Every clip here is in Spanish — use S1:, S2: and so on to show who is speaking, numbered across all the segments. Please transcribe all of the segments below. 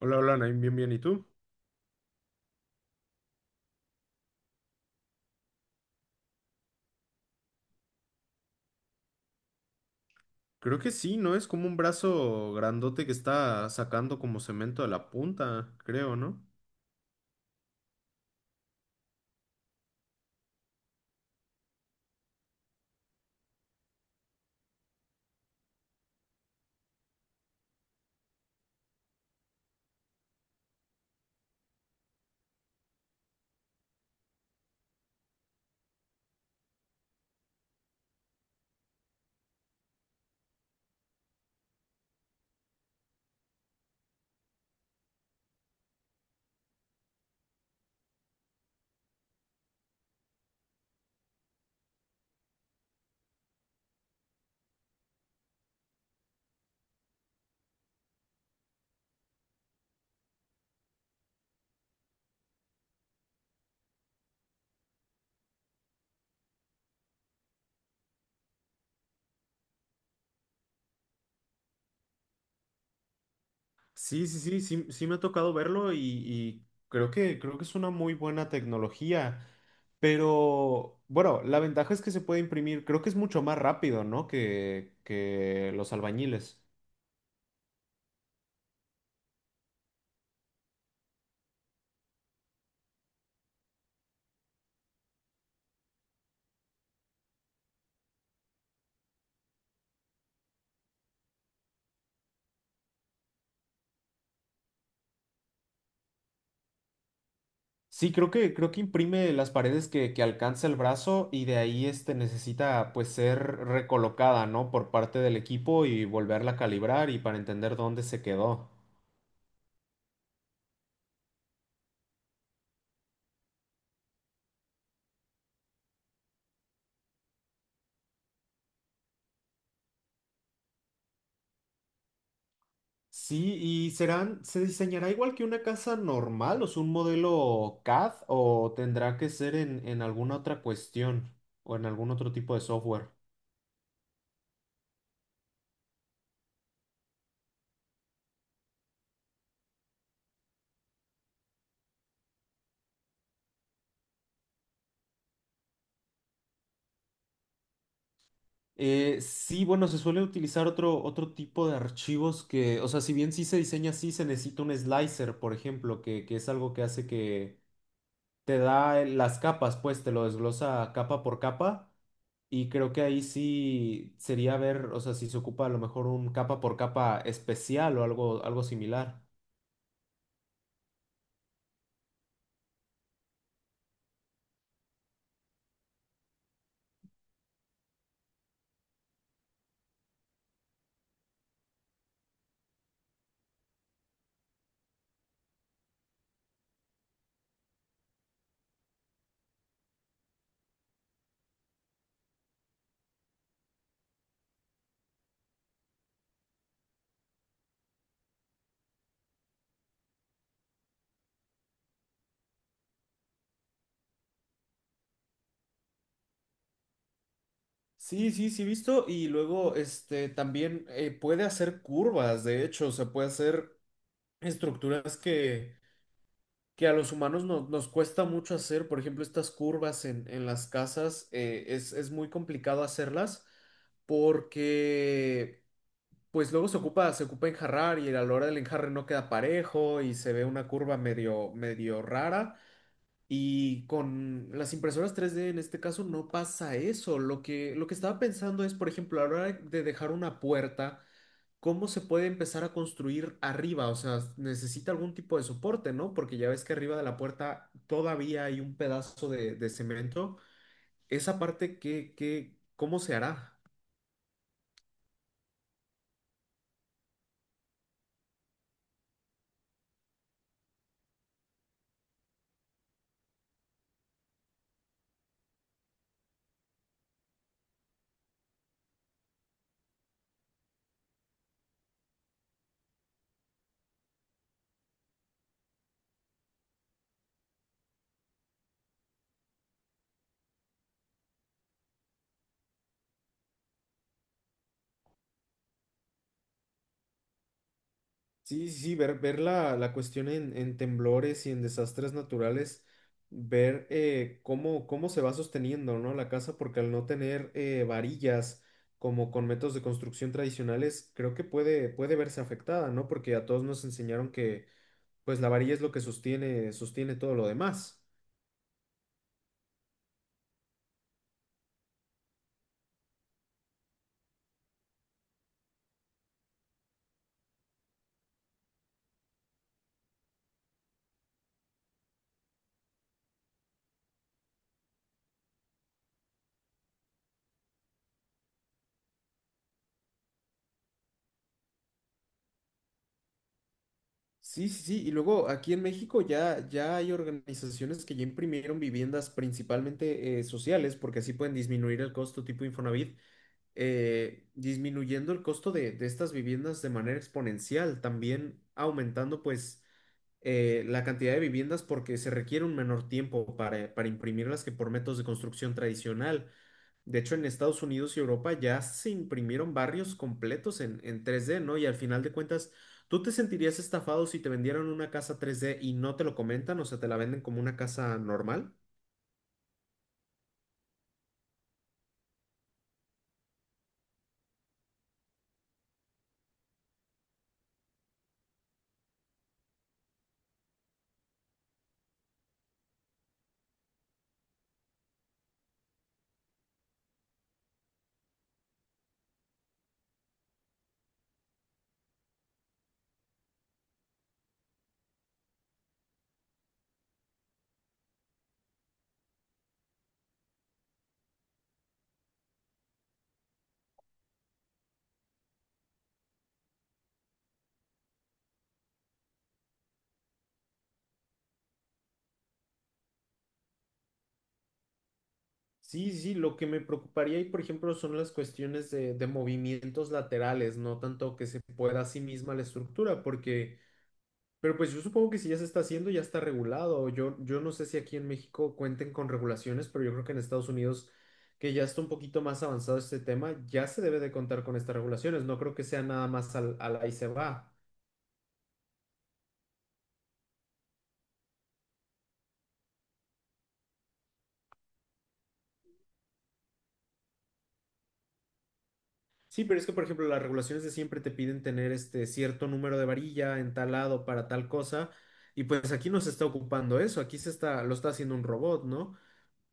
S1: Hola, hola, Naim, bien, bien, ¿y tú? Creo que sí, ¿no? Es como un brazo grandote que está sacando como cemento de la punta, creo, ¿no? Sí, sí, sí, sí, sí me ha tocado verlo y creo que es una muy buena tecnología, pero bueno, la ventaja es que se puede imprimir, creo que es mucho más rápido, ¿no? Que los albañiles. Sí, creo que imprime las paredes que alcanza el brazo y de ahí necesita pues ser recolocada, ¿no? Por parte del equipo y volverla a calibrar y para entender dónde se quedó. Sí, y serán, ¿se diseñará igual que una casa normal, o sea, un modelo CAD, o tendrá que ser en, alguna otra cuestión o en algún otro tipo de software? Sí, bueno, se suele utilizar otro tipo de archivos que, o sea, si bien sí se diseña así, se necesita un slicer, por ejemplo, que es algo que hace que te da las capas, pues te lo desglosa capa por capa. Y creo que ahí sí sería ver, o sea, si se ocupa a lo mejor un capa por capa especial o algo similar. Sí, sí, sí, visto. Y luego, también puede hacer curvas, de hecho, o sea, puede hacer estructuras que a los humanos nos cuesta mucho hacer, por ejemplo, estas curvas en, las casas, es muy complicado hacerlas porque pues luego se ocupa enjarrar y a la hora del enjarre no queda parejo y se ve una curva medio, medio rara. Y con las impresoras 3D en este caso no pasa eso. Lo que estaba pensando es, por ejemplo, a la hora de dejar una puerta. ¿Cómo se puede empezar a construir arriba? O sea, necesita algún tipo de soporte, ¿no? Porque ya ves que arriba de la puerta todavía hay un pedazo de cemento. Esa parte, ¿ cómo se hará? Sí, sí, sí, ver la, cuestión en temblores y en desastres naturales, ver cómo se va sosteniendo, ¿no? La casa, porque al no tener varillas como con métodos de construcción tradicionales, creo que puede verse afectada, ¿no? Porque a todos nos enseñaron que pues la varilla es lo que sostiene todo lo demás. Sí, sí, sí. Y luego aquí en México ya hay organizaciones que ya imprimieron viviendas principalmente sociales, porque así pueden disminuir el costo tipo Infonavit, disminuyendo el costo de estas viviendas de manera exponencial, también aumentando pues la cantidad de viviendas porque se requiere un menor tiempo para, imprimirlas que por métodos de construcción tradicional. De hecho, en Estados Unidos y Europa ya se imprimieron barrios completos en 3D, ¿no? Y al final de cuentas, ¿tú te sentirías estafado si te vendieran una casa 3D y no te lo comentan? O sea, te la venden como una casa normal. Sí, sí, lo que me preocuparía ahí, por ejemplo, son las cuestiones de movimientos laterales, no tanto que se pueda a sí misma la estructura, porque pero pues yo supongo que si ya se está haciendo, ya está regulado. Yo no sé si aquí en México cuenten con regulaciones, pero yo creo que en Estados Unidos, que ya está un poquito más avanzado este tema, ya se debe de contar con estas regulaciones. No creo que sea nada más al, ahí se va. Sí, pero es que, por ejemplo, las regulaciones de siempre te piden tener este cierto número de varilla en tal lado para tal cosa. Y pues aquí no se está ocupando eso. Aquí lo está haciendo un robot, ¿no?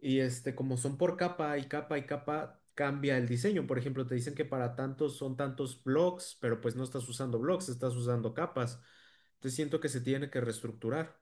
S1: Y como son por capa y capa y capa, cambia el diseño. Por ejemplo, te dicen que para tantos son tantos blocks, pero pues no estás usando blocks, estás usando capas. Entonces siento que se tiene que reestructurar.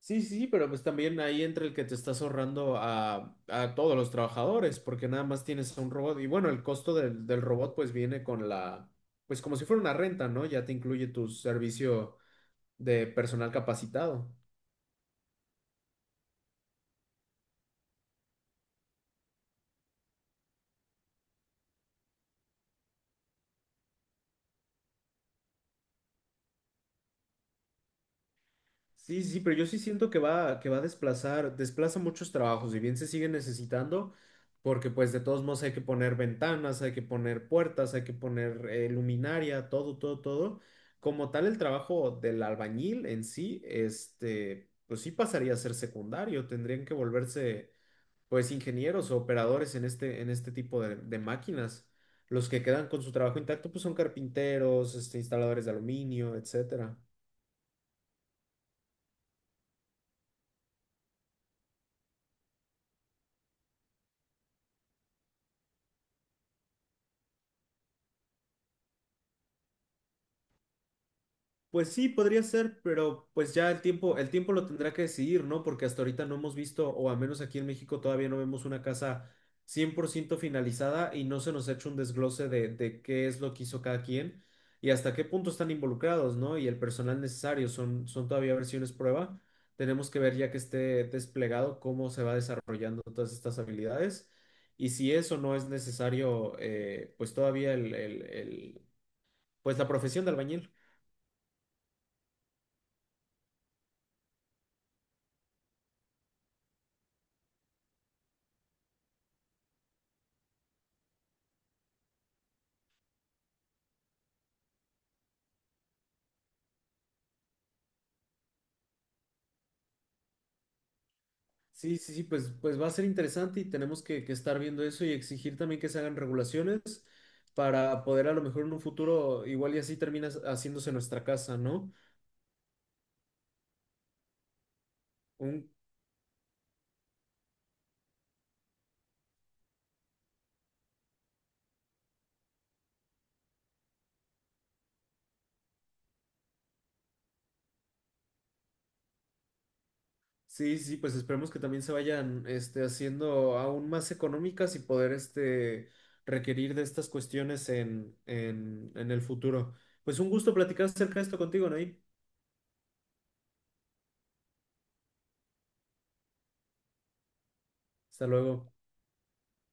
S1: Sí, sí, pero pues también ahí entra el que te estás ahorrando a todos los trabajadores, porque nada más tienes a un robot. Y bueno, el costo del robot pues viene con pues como si fuera una renta, ¿no? Ya te incluye tu servicio de personal capacitado. Sí, sí, sí, pero yo sí siento que va a desplazar, desplaza muchos trabajos, y bien se sigue necesitando, porque pues de todos modos hay que poner ventanas, hay que poner puertas, hay que poner luminaria, todo, todo, todo. Como tal, el trabajo del albañil en sí, pues sí pasaría a ser secundario, tendrían que volverse pues ingenieros o operadores en este tipo de máquinas. Los que quedan con su trabajo intacto, pues son carpinteros, instaladores de aluminio, etcétera. Pues sí, podría ser, pero pues ya el tiempo lo tendrá que decidir, ¿no? Porque hasta ahorita no hemos visto, o al menos aquí en México todavía no vemos una casa 100% finalizada y no se nos ha hecho un desglose de qué es lo que hizo cada quien y hasta qué punto están involucrados, ¿no? Y el personal necesario, son todavía versiones prueba. Tenemos que ver ya que esté desplegado cómo se va desarrollando todas estas habilidades y si eso no es necesario, pues todavía pues la profesión de albañil. Sí, sí, sí, pues va a ser interesante y tenemos que estar viendo eso y exigir también que se hagan regulaciones para poder a lo mejor en un futuro, igual y así termina haciéndose nuestra casa, ¿no? Un, sí, sí, pues esperemos que también se vayan haciendo aún más económicas y poder requerir de estas cuestiones en, el futuro. Pues un gusto platicar acerca de esto contigo, Nair. Hasta luego.